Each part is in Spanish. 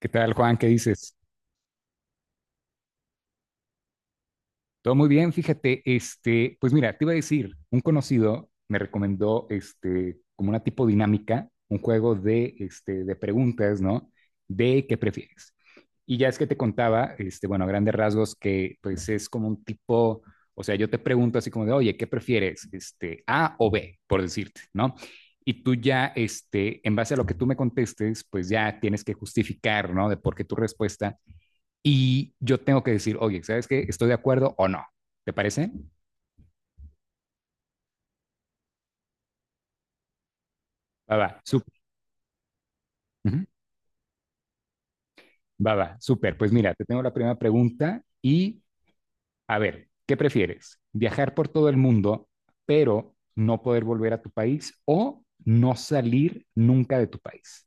¿Qué tal, Juan? ¿Qué dices? Todo muy bien, fíjate, pues mira, te iba a decir, un conocido me recomendó como una tipo dinámica, un juego de preguntas, ¿no? De qué prefieres. Y ya es que te contaba, bueno, a grandes rasgos, que pues es como un tipo, o sea, yo te pregunto así como de, oye, ¿qué prefieres? A o B, por decirte, ¿no? Y tú ya, en base a lo que tú me contestes, pues ya tienes que justificar, ¿no? De por qué tu respuesta y yo tengo que decir, oye, ¿sabes qué? ¿Estoy de acuerdo o no? ¿Te parece? Va, va, súper. Ujú. Va, va, súper. Pues mira, te tengo la primera pregunta y a ver, ¿qué prefieres? ¿Viajar por todo el mundo, pero no poder volver a tu país o no salir nunca de tu país?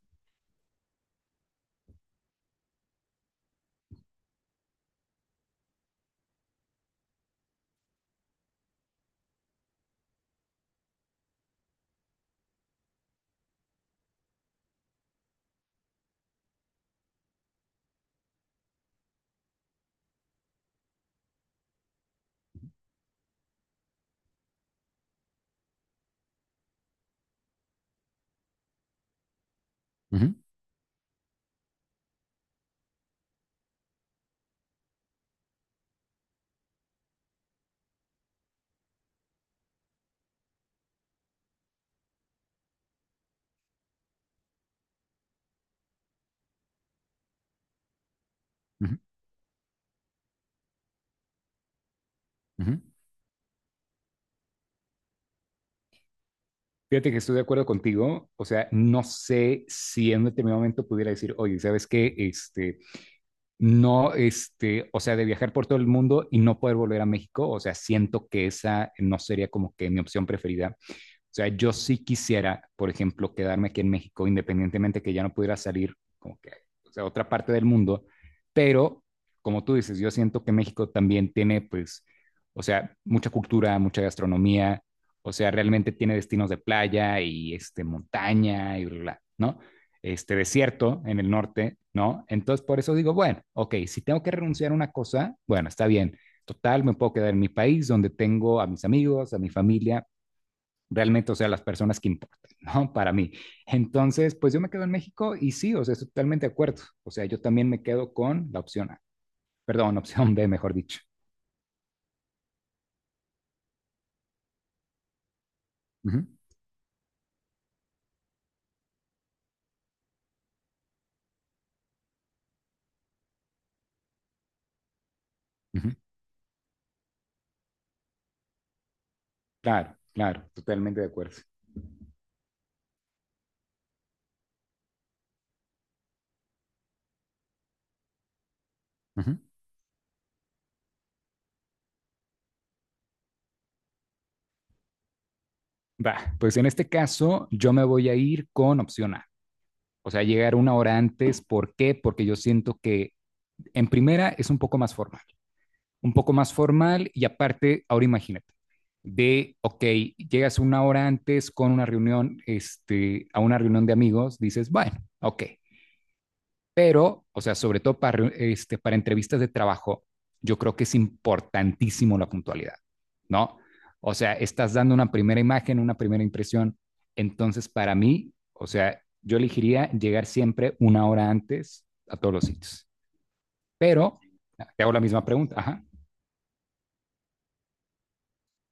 Ujú, ujú, ujú. Fíjate que estoy de acuerdo contigo, o sea, no sé si en un determinado momento pudiera decir, oye, ¿sabes qué? No, o sea, de viajar por todo el mundo y no poder volver a México, o sea, siento que esa no sería como que mi opción preferida. O sea, yo sí quisiera, por ejemplo, quedarme aquí en México, independientemente que ya no pudiera salir como que o sea, a otra parte del mundo, pero como tú dices, yo siento que México también tiene, pues, o sea, mucha cultura, mucha gastronomía, o sea, realmente tiene destinos de playa y montaña y bla, bla, ¿no? Este desierto en el norte, ¿no? Entonces, por eso digo, bueno, ok, si tengo que renunciar a una cosa, bueno, está bien. Total, me puedo quedar en mi país donde tengo a mis amigos, a mi familia, realmente, o sea, las personas que importan, ¿no? Para mí. Entonces, pues yo me quedo en México y sí, o sea, estoy totalmente de acuerdo. O sea, yo también me quedo con la opción A, perdón, opción B, mejor dicho. Uh -huh, uh -huh. Claro, claro, totalmente de acuerdo. Uh -huh. Va, pues en este caso yo me voy a ir con opción A. O sea, llegar una hora antes. ¿Por qué? Porque yo siento que en primera es un poco más formal. Un poco más formal y aparte, ahora imagínate, de, ok, llegas una hora antes con una reunión, este, a una reunión de amigos, dices, bueno, ok, pero, o sea, sobre todo para entrevistas de trabajo, yo creo que es importantísimo la puntualidad, ¿no? O sea, estás dando una primera imagen, una primera impresión. Entonces, para mí, o sea, yo elegiría llegar siempre una hora antes a todos los sitios. Pero te hago la misma pregunta. Ajá,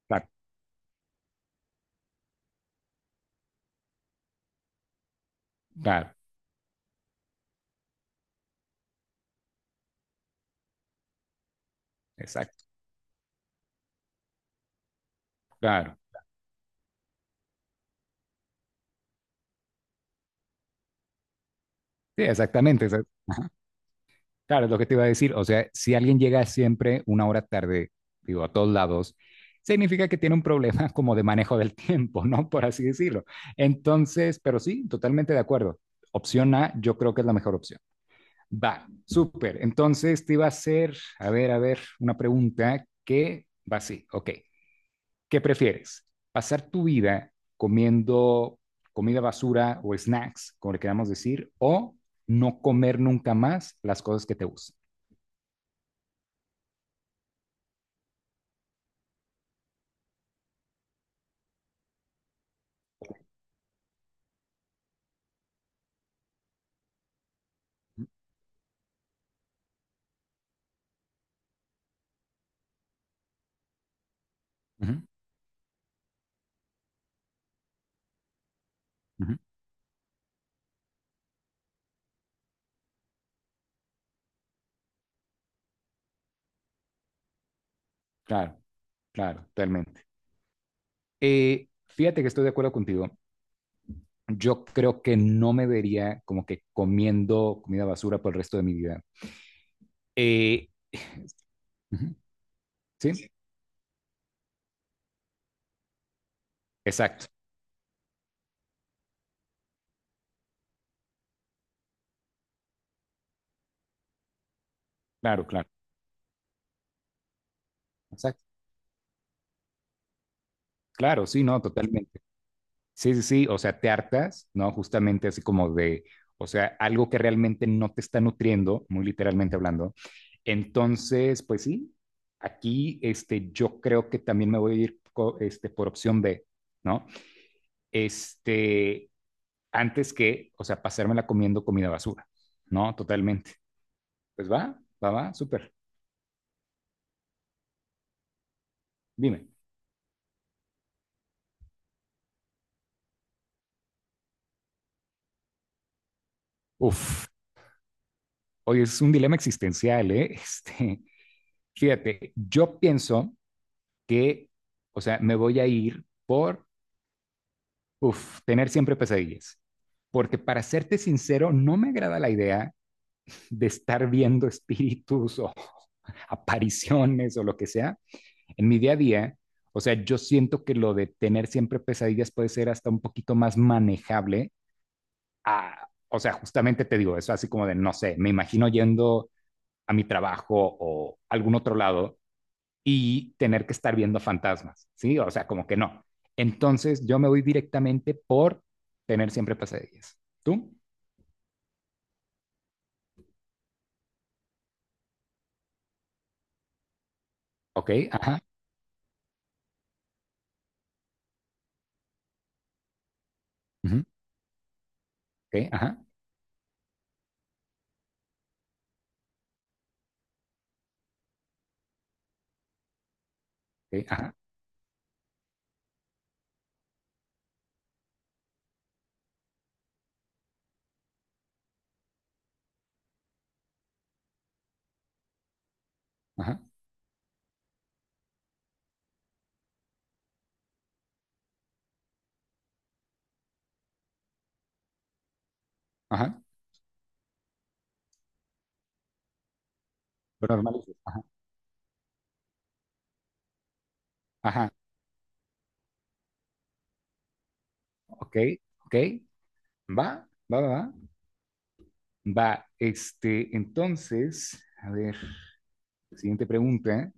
claro, claro, exacto. Claro, sí, exactamente. Claro, es lo que te iba a decir. O sea, si alguien llega siempre una hora tarde, digo, a todos lados, significa que tiene un problema como de manejo del tiempo, ¿no? Por así decirlo. Entonces, pero sí, totalmente de acuerdo. Opción A, yo creo que es la mejor opción. Va, súper. Entonces te iba a hacer, a ver, una pregunta que va así. Ok. ¿Qué prefieres? ¿Pasar tu vida comiendo comida basura o snacks, como le queramos decir, o no comer nunca más las cosas que te gustan? Ujú, ujú. Claro, claro, totalmente. Fíjate que estoy de acuerdo contigo. Yo creo que no me vería como que comiendo comida basura por el resto de mi vida. Eh, Ujú. Sí, exacto, claro, claro, exacto, claro, sí, no, totalmente. Sí, sí, sí, o sea, te hartas, ¿no? Justamente así como de, o sea, algo que realmente no te está nutriendo, muy literalmente hablando. Entonces, pues sí, aquí yo creo que también me voy a ir por opción B, ¿no? Este, antes que, o sea, pasármela comiendo comida basura, ¿no? Totalmente. Pues va, va, va, súper. Dime. Uf, oye, es un dilema existencial, ¿eh? Fíjate, yo pienso que, o sea, me voy a ir por tener siempre pesadillas. Porque para serte sincero, no me agrada la idea de estar viendo espíritus o apariciones o lo que sea en mi día a día. O sea, yo siento que lo de tener siempre pesadillas puede ser hasta un poquito más manejable. a- o sea, justamente te digo eso, así como de, no sé, me imagino yendo a mi trabajo o algún otro lado y tener que estar viendo fantasmas, ¿sí? O sea, como que no. Entonces yo me voy directamente por tener siempre pesadillas. ¿Tú? Ok, ajá, ujú, ok, ajá, ok, ajá, ajá, ajá, lo normal es, ajá, ajá, ok, ok, va, va, va, va, va. Entonces, a ver, siguiente pregunta.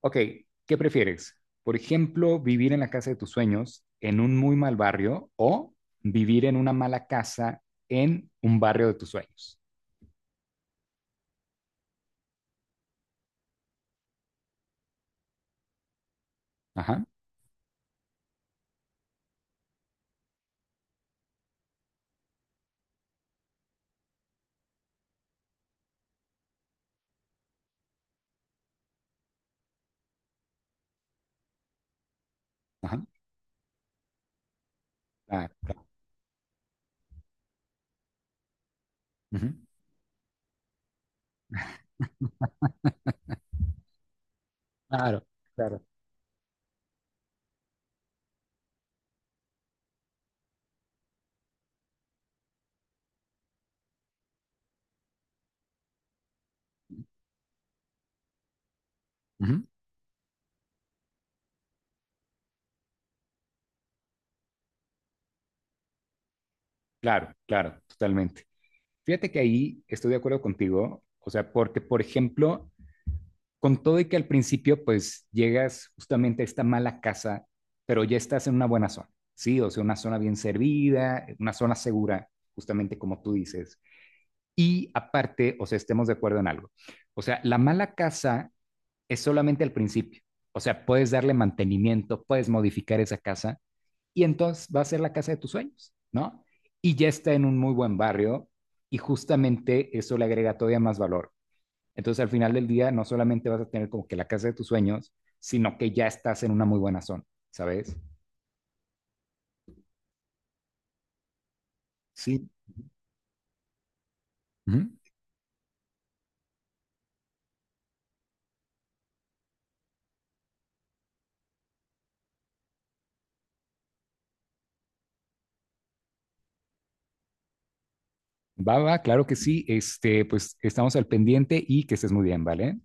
Ok, ¿qué prefieres? Por ejemplo, vivir en la casa de tus sueños en un muy mal barrio o vivir en una mala casa en un barrio de tus sueños. Ajá, ajá, claro, claro. Ujú. Claro, claro. Ujú. Claro, claro, totalmente. Fíjate que ahí estoy de acuerdo contigo, o sea, porque, por ejemplo, con todo y que al principio, pues llegas justamente a esta mala casa, pero ya estás en una buena zona, ¿sí? O sea, una zona bien servida, una zona segura, justamente como tú dices. Y aparte, o sea, estemos de acuerdo en algo. O sea, la mala casa es solamente al principio. O sea, puedes darle mantenimiento, puedes modificar esa casa y entonces va a ser la casa de tus sueños, ¿no? Y ya está en un muy buen barrio y justamente eso le agrega todavía más valor. Entonces, al final del día, no solamente vas a tener como que la casa de tus sueños, sino que ya estás en una muy buena zona, ¿sabes? Sí. Ujú. Va, va, claro que sí. Pues estamos al pendiente y que estés muy bien, ¿vale?